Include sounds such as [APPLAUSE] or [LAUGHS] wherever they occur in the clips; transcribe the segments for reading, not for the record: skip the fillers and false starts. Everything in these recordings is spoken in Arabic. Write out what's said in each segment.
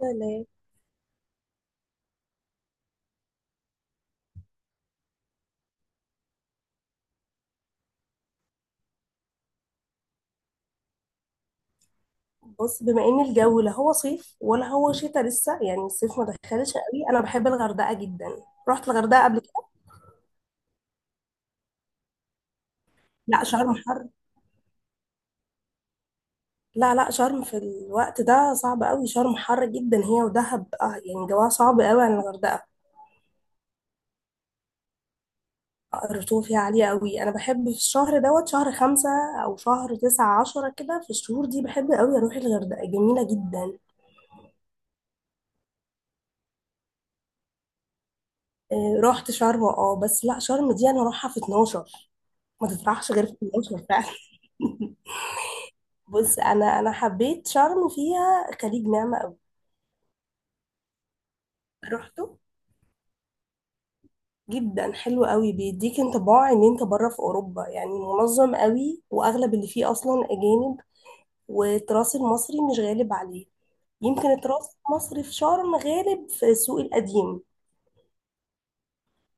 لا لا. بص، بما ان الجو لا هو صيف ولا هو شتاء لسه، يعني الصيف ما دخلش قوي. انا بحب الغردقه جدا. رحت الغردقه قبل كده. لا شرم حر. لا لا، شرم في الوقت ده صعب قوي. شرم حر جدا هي ودهب، اه يعني جواها صعب قوي عن الغردقه. الرطوبه فيها عاليه قوي. انا بحب في الشهر دوت شهر 5 او شهر 9، 10 كده. في الشهور دي بحب قوي اروح الغردقه، جميله جدا. رحت شرم، اه بس لا، شرم دي انا اروحها في 12. ما تطرحش غير في 12 فعلا. [LAUGHS] بص، انا حبيت شرم فيها خليج نعمة قوي. رحته، جدا حلو قوي. بيديك انطباع ان انت بره في اوروبا، يعني منظم قوي واغلب اللي فيه اصلا اجانب، والتراث المصري مش غالب عليه. يمكن التراث المصري في شرم غالب في السوق القديم، يعني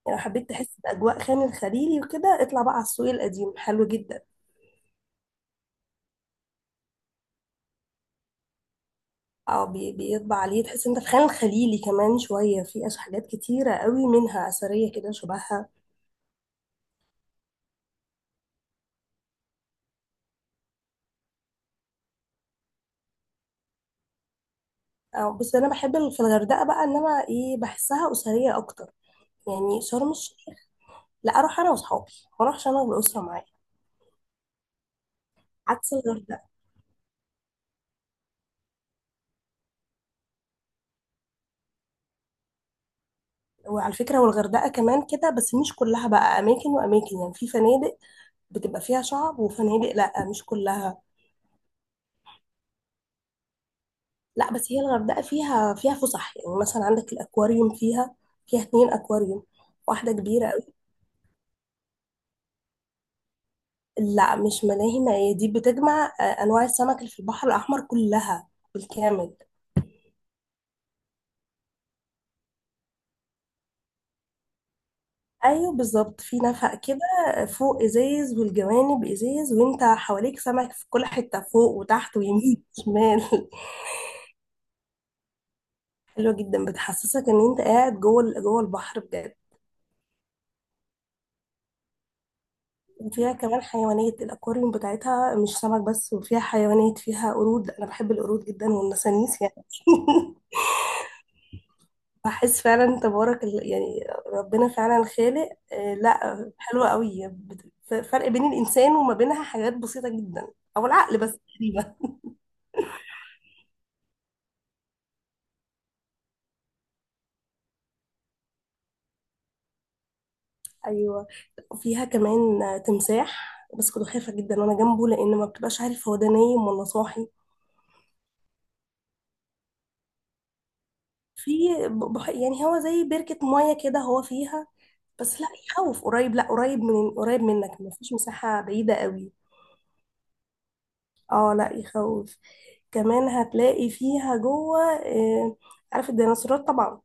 لو حبيت تحس باجواء خان الخليلي وكده اطلع بقى على السوق القديم، حلو جدا. اه بيطبع عليه، تحس انت في خان الخليلي كمان شويه. في حاجات كتيره قوي منها اثريه كده شبهها. أو بس انا بحب في الغردقه بقى ان انا ايه، بحسها اسريه اكتر، يعني شرم الشيخ لا اروح انا واصحابي، ما اروحش انا والاسره معايا، عكس الغردقه. وعلى فكره والغردقه كمان كده، بس مش كلها بقى، اماكن واماكن، يعني في فنادق بتبقى فيها شعب، وفنادق لا مش كلها. لا بس هي الغردقه فيها فسح، يعني مثلا عندك الاكواريوم فيها. فيها 2 اكواريوm، واحده كبيره قوي. لا مش ملاهي، ما هي دي بتجمع انواع السمك اللي في البحر الاحمر كلها بالكامل. ايوه بالظبط، في نفق كده فوق ازاز والجوانب ازاز وانت حواليك سمك في كل حته، فوق وتحت ويمين وشمال. [LAUGHS] حلوه جدا، بتحسسك ان انت قاعد جوه جوه البحر بجد. وفيها كمان حيوانات الاكواريوم بتاعتها، مش سمك بس، وفيها حيوانات، فيها قرود. انا بحب القرود جدا والنسانيس يعني. [LAUGHS] بحس فعلا تبارك يعني، ربنا فعلا خالق. لا حلوه قوي. فرق بين الانسان وما بينها حاجات بسيطه جدا، او العقل بس تقريبا. ايوه وفيها كمان تمساح، بس كنت خايفه جدا وانا جنبه، لان ما بتبقاش عارف هو ده نايم ولا صاحي. في. يعني هو زي بركه ميه كده هو فيها. بس لا يخوف، قريب لا قريب، من قريب منك، ما فيش مساحه بعيده قوي. اه لا يخوف. كمان هتلاقي فيها جوه، آه، عارف الديناصورات طبعا.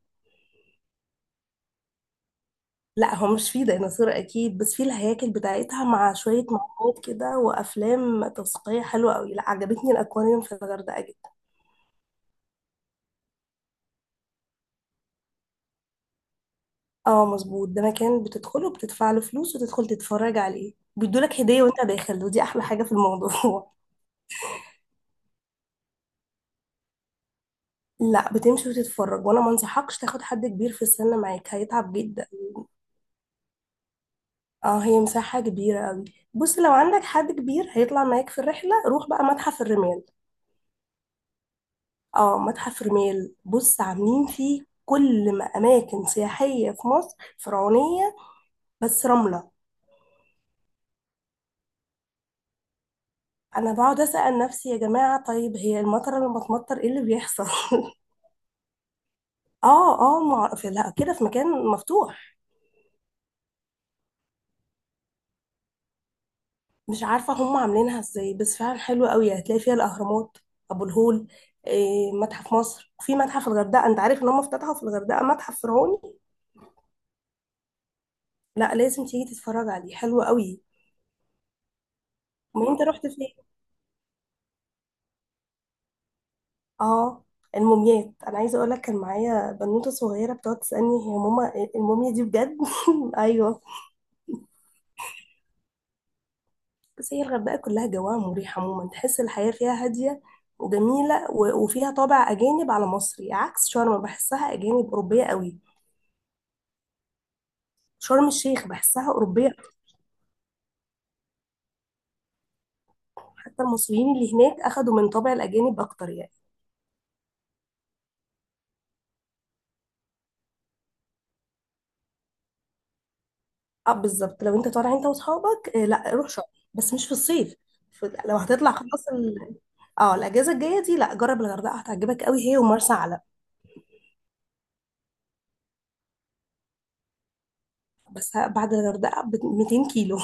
لا هو مش فيه ديناصور اكيد، بس فيه الهياكل بتاعتها مع شويه معلومات كده وافلام توثيقيه حلوه قوي. لا عجبتني الاكواريوم في الغردقه جدا. اه مظبوط، ده مكان بتدخله بتدفع له فلوس وتدخل تتفرج عليه، بيدولك هدية وانت داخل، ودي احلى حاجة في الموضوع. [LAUGHS] لا بتمشي وتتفرج. وانا ما انصحكش تاخد حد كبير في السن معاك، هيتعب جدا. اه هي مساحة كبيرة قوي. بص لو عندك حد كبير هيطلع معاك في الرحلة، روح بقى متحف الرمال. اه متحف الرمال، بص عاملين فيه كل ما اماكن سياحية في مصر فرعونية بس رملة. انا بقعد اسأل نفسي يا جماعة، طيب هي المطر لما تمطر ايه اللي بيحصل؟ [LAUGHS] اه اه في، لا كده في مكان مفتوح. مش عارفة هم عاملينها ازاي، بس فعلا حلوة قوي، هتلاقي فيها الأهرامات، أبو الهول، إيه، متحف مصر. وفي متحف الغردقة، انت عارف ان هم افتتحوا في الغردقة متحف فرعوني؟ لا لازم تيجي تتفرج عليه، حلو قوي. ما انت رحت فين. اه. الموميات، انا عايزه اقول لك، كان معايا بنوته صغيره بتقعد تسالني هي ماما الموميا دي بجد؟ [LAUGHS] ايوه. بس هي الغردقة كلها جواها مريح عموما، تحس الحياة فيها هادية وجميلة، وفيها طابع أجانب على مصري، عكس شرم بحسها أجانب أوروبية قوي. شرم الشيخ بحسها أوروبية أكتر، حتى المصريين اللي هناك أخدوا من طابع الأجانب أكتر يعني. أه بالظبط، لو أنت طالع أنت وأصحابك لا روح شرم، بس مش في الصيف. لو هتطلع خلاص اه الأجازة الجاية دي لا جرب الغردقة، هتعجبك قوي، هي ومرسى علم. بس بعد الغردقة ب 200 كيلو.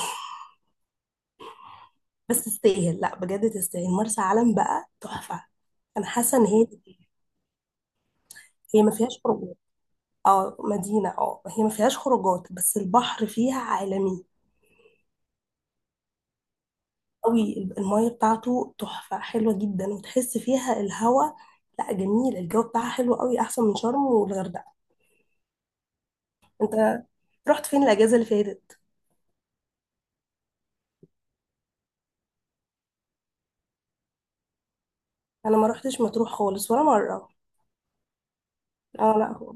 بس تستاهل، لا بجد تستاهل مرسى علم بقى تحفة. انا حاسة ان هي، هي ما فيهاش خروجات. اه مدينة، اه هي ما فيهاش خروجات، بس البحر فيها عالمي قوي. المية بتاعته تحفة حلوة جدا، وتحس فيها الهواء. لا جميل، الجو بتاعها حلو قوي، احسن من شرم والغردقة. انت رحت فين الاجازة اللي فاتت؟ انا ما رحتش مطروح خالص ولا مرة. اه لا هو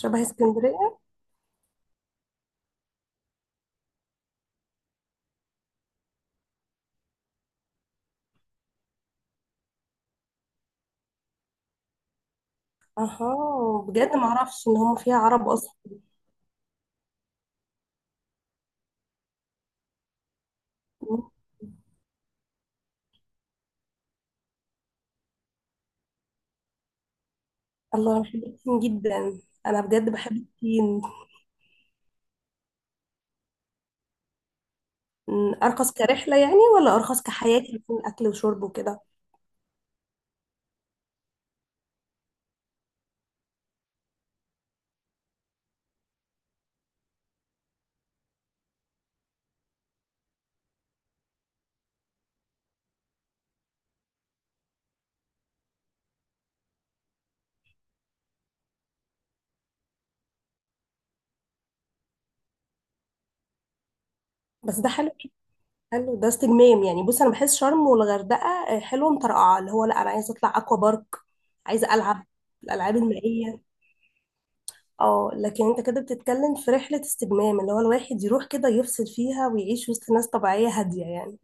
شبه اسكندرية. اها بجد ما اعرفش ان هم فيها عرب اصلا. الله، بحب الصين جدا، انا بجد بحب الصين. ارخص كرحله يعني ولا ارخص كحياه يكون اكل وشرب وكده؟ بس ده حلو، حلو ده استجمام. يعني بص انا بحس شرم والغردقه حلوه مطرقعه، اللي هو لا انا عايزه اطلع اكوا بارك، عايزه العب الالعاب المائيه. اه لكن انت كده بتتكلم في رحله استجمام، اللي هو الواحد يروح كده يفصل فيها ويعيش وسط ناس طبيعيه هاديه يعني.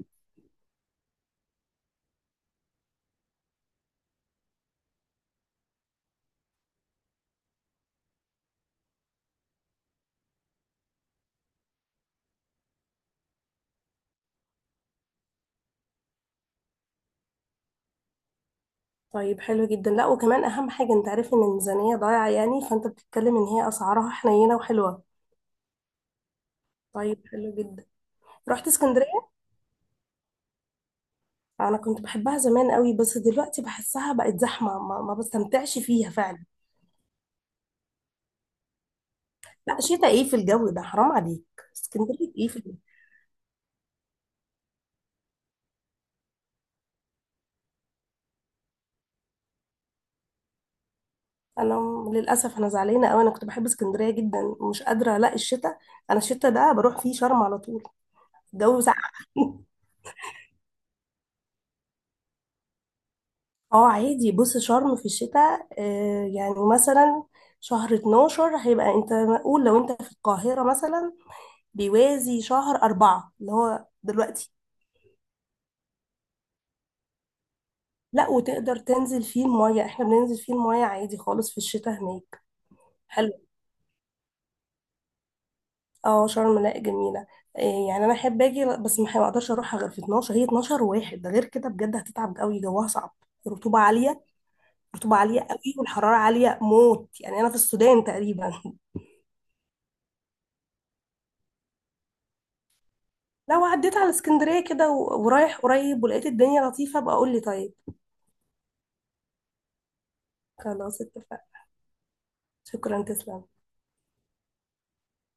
طيب حلو جدا، لا وكمان اهم حاجه، انت عارف ان الميزانيه ضايعه يعني، فانت بتتكلم ان هي اسعارها حنينه وحلوه. طيب حلو جدا. رحت اسكندرية. انا كنت بحبها زمان قوي، بس دلوقتي بحسها بقت زحمة، ما بستمتعش فيها فعلا. لا شتا ايه في الجو ده، حرام عليك. اسكندرية ايه في الجو. انا للاسف انا زعلانة قوي، انا كنت بحب اسكندرية جدا ومش قادرة الاقي الشتا. انا الشتا ده بروح فيه شرم على طول. الجو ساقع. [LAUGHS] اه عادي، بص شرم في الشتاء يعني مثلا شهر 12 هيبقى انت، قول لو انت في القاهرة مثلا، بيوازي شهر 4 اللي هو دلوقتي. لا وتقدر تنزل فيه المية، احنا بننزل فيه المية عادي خالص في الشتاء هناك. حلو. اه شرم لا جميلة، إيه يعني. انا احب اجي بس ما اقدرش اروحها غير في 12. هي 12 واحد، ده غير كده بجد هتتعب قوي جواها صعب. الرطوبة عالية. الرطوبة عالية قوي والحرارة عالية موت، يعني انا في السودان تقريبا. [LAUGHS] لو عديت على اسكندرية كده ورايح قريب ولقيت الدنيا لطيفة بقى قول لي. طيب خلاص اتفقنا. شكرا، تسلم.